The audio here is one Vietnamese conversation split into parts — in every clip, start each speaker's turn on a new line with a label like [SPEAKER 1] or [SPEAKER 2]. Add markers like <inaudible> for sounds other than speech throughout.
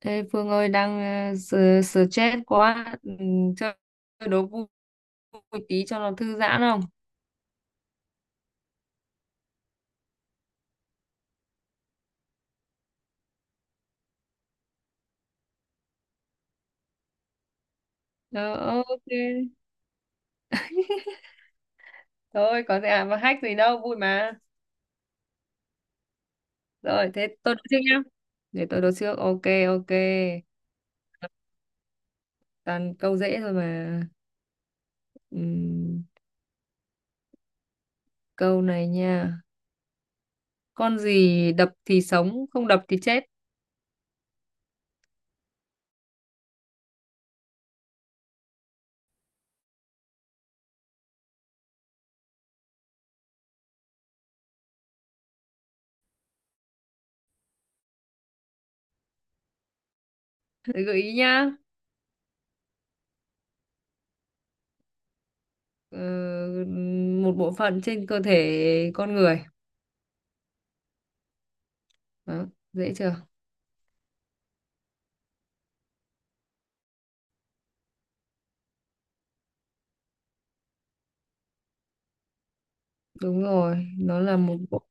[SPEAKER 1] Ê, Phương ơi đang stress quá chơi đố vui vui tí cho nó thư giãn không. Ờ, ok, thôi có gì à mà hack gì đâu, vui mà. Rồi thế tôi đố trước nhá, để tôi đố trước, ok ok, toàn câu dễ thôi mà. Ừm, Câu này nha, con gì đập thì sống không đập thì chết? Thế gợi ý nhá. Ờ, Một bộ phận trên cơ thể con người. Đó, dễ chưa? Đúng rồi, nó là một bộ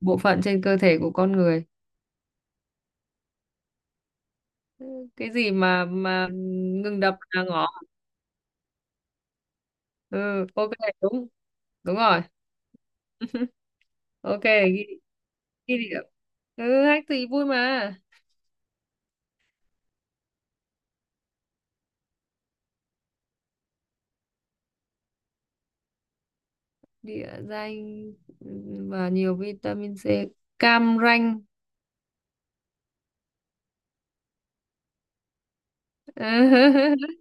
[SPEAKER 1] bộ phận trên cơ thể của con người. Ừ, cái gì mà ngừng đập là ngỏ. Ừ, ok, đúng. Đúng rồi. <laughs> Ok, ghi địa. Ừ, hack thì vui mà. Địa danh và nhiều vitamin C. Cam Ranh. <laughs>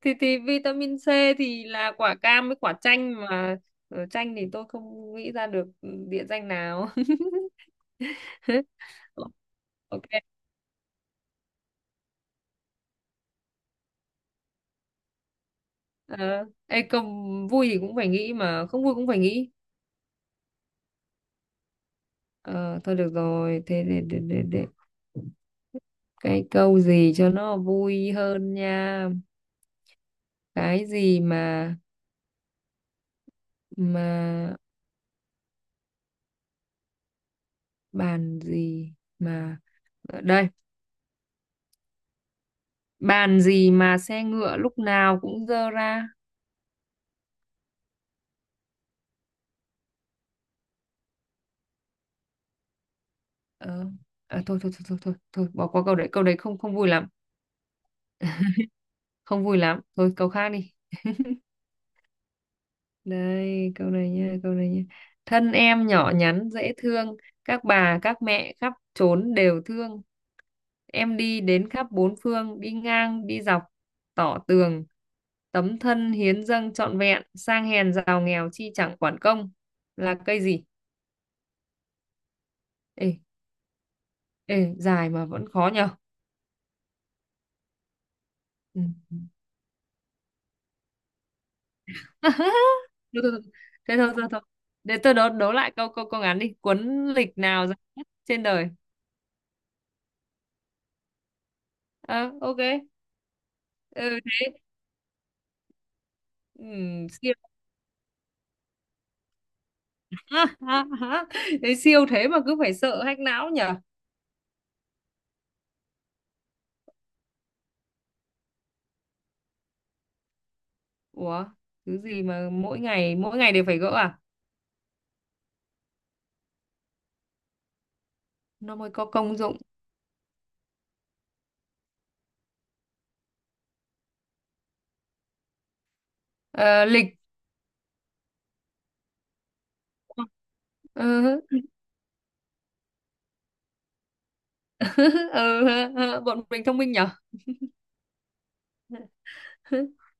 [SPEAKER 1] Thì vitamin C thì là quả cam với quả chanh mà. Ờ, chanh thì tôi không nghĩ ra được địa danh nào. <laughs> Ok. Ờ, Công vui thì cũng phải nghĩ mà không vui cũng phải nghĩ. Ờ, thôi được rồi, thế để. Cái câu gì cho nó vui hơn nha. Cái gì mà bàn gì mà ở đây, bàn gì mà xe ngựa lúc nào cũng dơ ra. Ờ, Thôi, thôi thôi thôi thôi thôi bỏ qua câu đấy không không vui lắm, không vui lắm. Thôi câu khác đi. Đây, câu này nha, câu này nha. Thân em nhỏ nhắn dễ thương, các bà, các mẹ khắp trốn đều thương. Em đi đến khắp bốn phương, đi ngang, đi dọc, tỏ tường. Tấm thân hiến dâng trọn vẹn, sang hèn giàu nghèo chi chẳng quản công. Là cây gì? Ê, ê, dài mà vẫn khó nhờ. Ừ. <laughs> Thôi, thôi, thôi. Thế thôi, thôi, thôi. Để tôi đố lại câu câu câu ngắn đi. Cuốn lịch nào dài nhất trên đời? Ờ, ok. Ừ. Ừ, siêu. <laughs> Đấy, siêu thế mà cứ phải sợ hack não nhở. Ủa, thứ gì mà mỗi ngày đều phải gỡ à? Nó mới có công dụng. Ờ, lịch. Ừ. Ừ. <laughs> Bọn mình thông minh nhở. <laughs>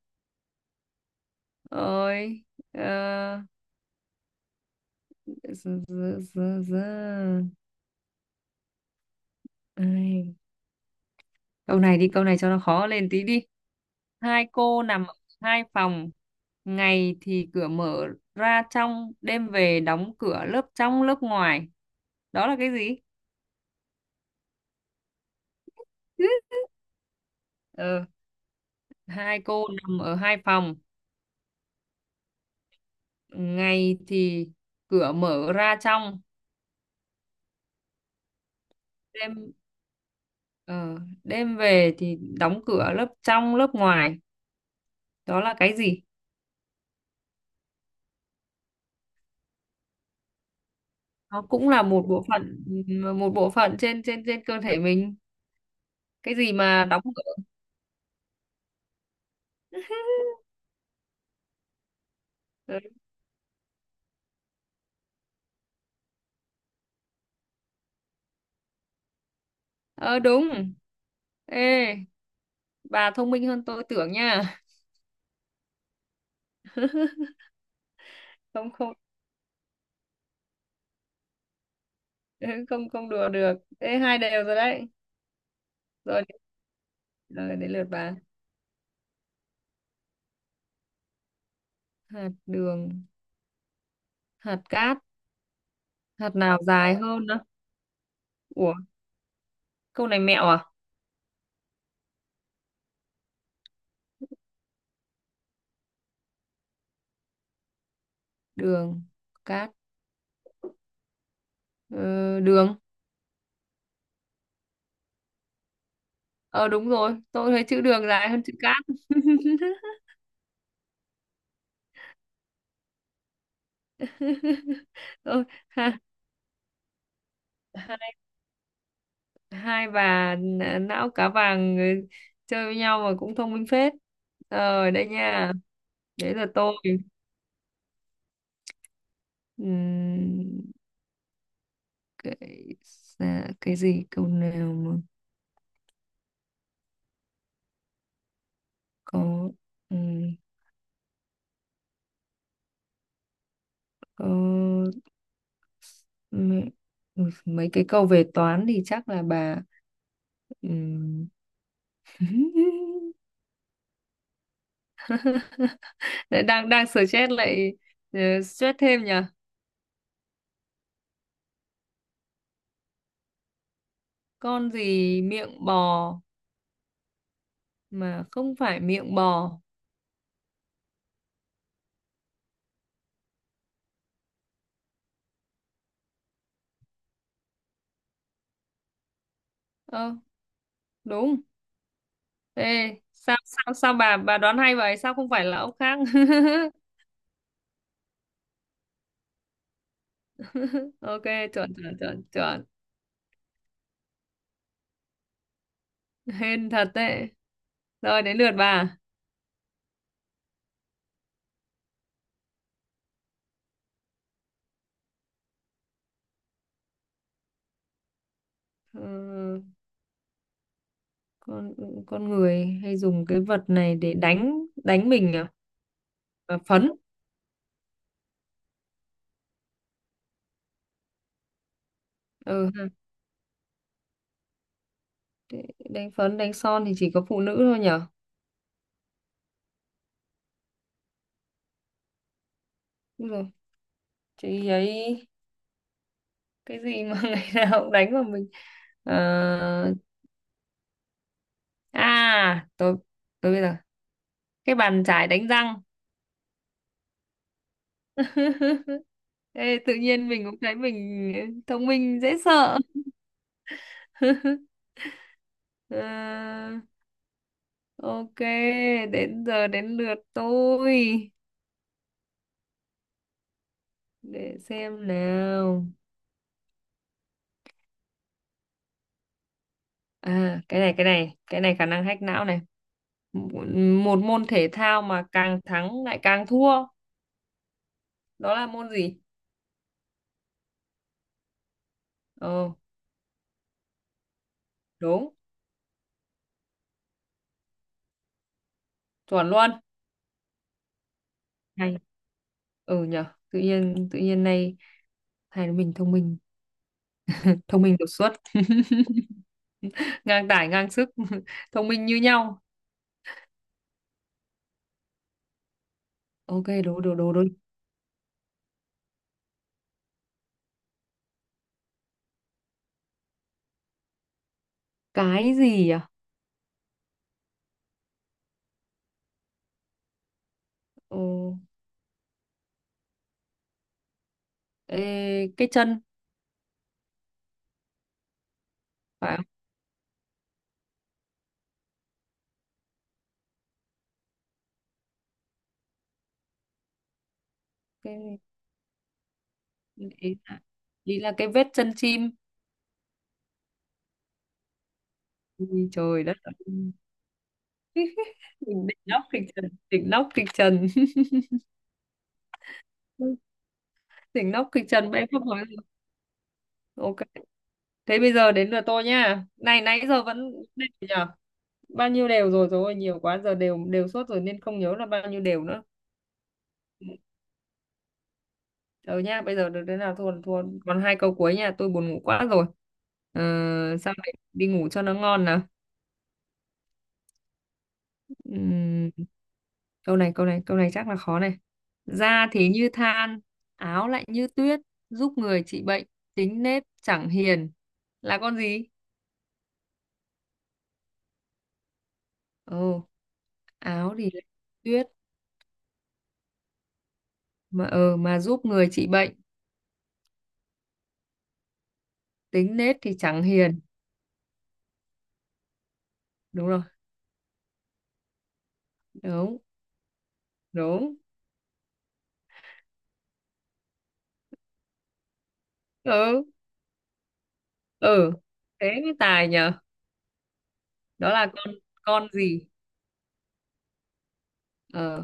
[SPEAKER 1] Rồi. ờ, z- z- z- z- Ai. Câu này đi, câu này cho nó khó lên tí đi. Hai cô nằm ở hai phòng, ngày thì cửa mở ra trong, đêm về đóng cửa lớp trong lớp ngoài. Đó là cái gì? <laughs> Ờ, hai cô nằm ở hai phòng, ngày thì cửa mở ra trong, đêm ờ, đêm về thì đóng cửa lớp trong lớp ngoài. Đó là cái gì? Nó cũng là một bộ phận trên trên trên cơ thể mình. Cái gì mà đóng cửa? Ờ, đúng. Ê, bà thông minh hơn tôi tưởng nha. Không, không. <laughs> Không, không đùa được. Ê, hai đều rồi đấy. Rồi, rồi đến lượt bà. Hạt đường, hạt cát, hạt nào dài hơn đó? Ủa, câu này mẹo à? Đường, cát. ờ, Đường. Ờ đúng rồi, tôi thấy chữ đường dài hơn chữ cát. <laughs> Ôi, ha, hai, hai bà não cá vàng chơi với nhau mà cũng thông minh phết. Rồi đây nha, đấy là tôi. Ừm, cái dạ, cái gì câu nào mà có ừm, có mấy, mấy cái câu về toán thì chắc là bà. ừm, <laughs> Lại đang đang stress lại, ờ, stress thêm nhỉ. Con gì miệng bò mà không phải miệng bò? Ơ, đúng. Ê, sao sao sao bà đoán hay vậy, sao không phải là ốc khác? <laughs> Ok, chuẩn chuẩn chuẩn chuẩn. Hên thật đấy. Rồi đến lượt bà. Ờ, con con người hay dùng cái vật này để đánh đánh mình à? À, phấn. Ừ, ha. Để đánh phấn đánh son thì chỉ có phụ nữ thôi nhở. Đúng rồi, chị ấy. Cái gì mà <laughs> ngày nào cũng đánh vào mình? Ờ, à, tôi bây giờ, cái bàn chải đánh răng. <laughs> Ê, tự nhiên mình cũng thấy mình thông minh dễ sợ. <laughs> Ờ, ok, đến giờ đến lượt tôi. Để xem nào. À, cái này, cái này, cái này khả năng hack não này. Một Một môn thể thao mà càng thắng lại càng thua. Đó là môn gì? Ờ, đúng, chuẩn luôn. Hay. Ừ nhở, tự nhiên nay hai mình thông minh đột xuất. <laughs> Ngang tải, ngang sức, <laughs> thông minh như nhau. Ok, đố. Cái gì à? Ờ, ê, cái chân, phải không? Nhưng ý là cái vết chân chim. Ui, trời đất ơi. Đỉnh nóc kịch trần, đỉnh nóc kịch trần. <laughs> Đỉnh nóc kịch trần mà em không nói được. Ok, thế bây giờ đến lượt tôi nha, này nãy giờ vẫn đều nhờ, bao nhiêu đều rồi, rồi nhiều quá giờ đều đều suốt rồi nên không nhớ là bao nhiêu đều nữa. Ờ nha, bây giờ được thế nào, thua là thua, còn hai câu cuối nha, tôi buồn ngủ quá rồi. Ờ, sao đấy đi ngủ cho nó ngon nào. Ừm, câu này chắc là khó này. Da thì như than, áo lại như tuyết, giúp người trị bệnh, tính nết chẳng hiền, là con gì? Ồ. Áo thì lại tuyết. Ờ mà giúp người trị bệnh, tính nết thì chẳng hiền. Đúng rồi. Đúng, đúng. Ừ. Ừ, thế mới tài nhở. Đó là con gì? Ờ.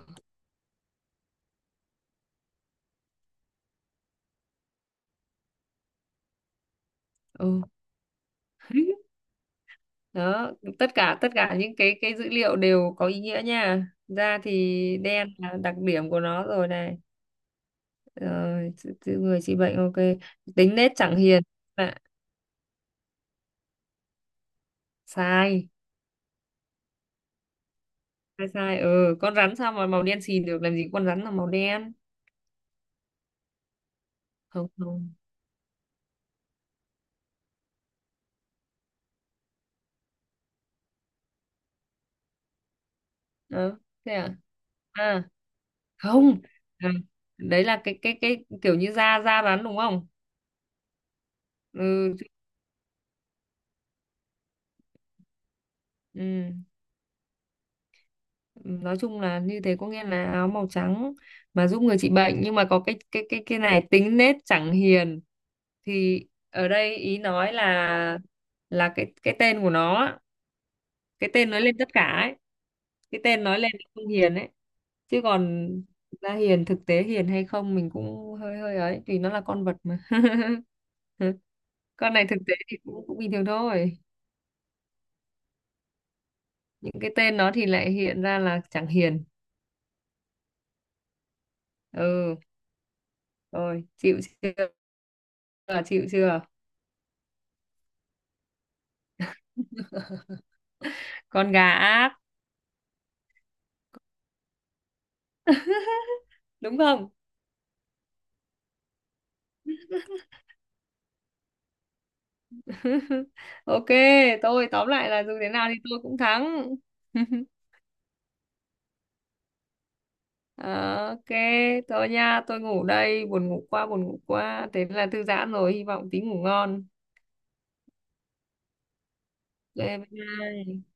[SPEAKER 1] Ừ. Đó, tất cả những cái dữ liệu đều có ý nghĩa nha, da thì đen là đặc điểm của nó rồi này. Ờ, tự người trị bệnh, ok, tính nết chẳng hiền. Dạ, sai. Sai, sai. Ừ, con rắn sao mà màu đen xì được, làm gì có con rắn là màu đen. Không, không. Đó. Thế à? À, không. À, đấy là cái kiểu như da da rắn, đúng không? Ừ. Ừ. Nói chung là như thế, có nghĩa là áo màu trắng mà giúp người trị bệnh, nhưng mà có cái này tính nết chẳng hiền, thì ở đây ý nói là cái tên của nó á, cái tên nói lên tất cả ấy, cái tên nói lên là không hiền ấy. Chứ còn thực ra hiền, thực tế hiền hay không mình cũng hơi hơi ấy, vì nó là con vật mà. <laughs> Con này thực tế thì cũng cũng bình thường thôi, những cái tên nó thì lại hiện ra là chẳng hiền. Ừ. Rồi chịu chưa? Chưa, chịu chưa? Con gà ác, đúng không? <laughs> Ok, tôi tóm lại là dù thế nào thì tôi cũng thắng. <laughs> Ờ, ok, thôi nha, tôi ngủ đây, buồn ngủ quá, buồn ngủ quá. Thế là thư giãn rồi, hy vọng tí ngủ ngon. Ok, bye bye.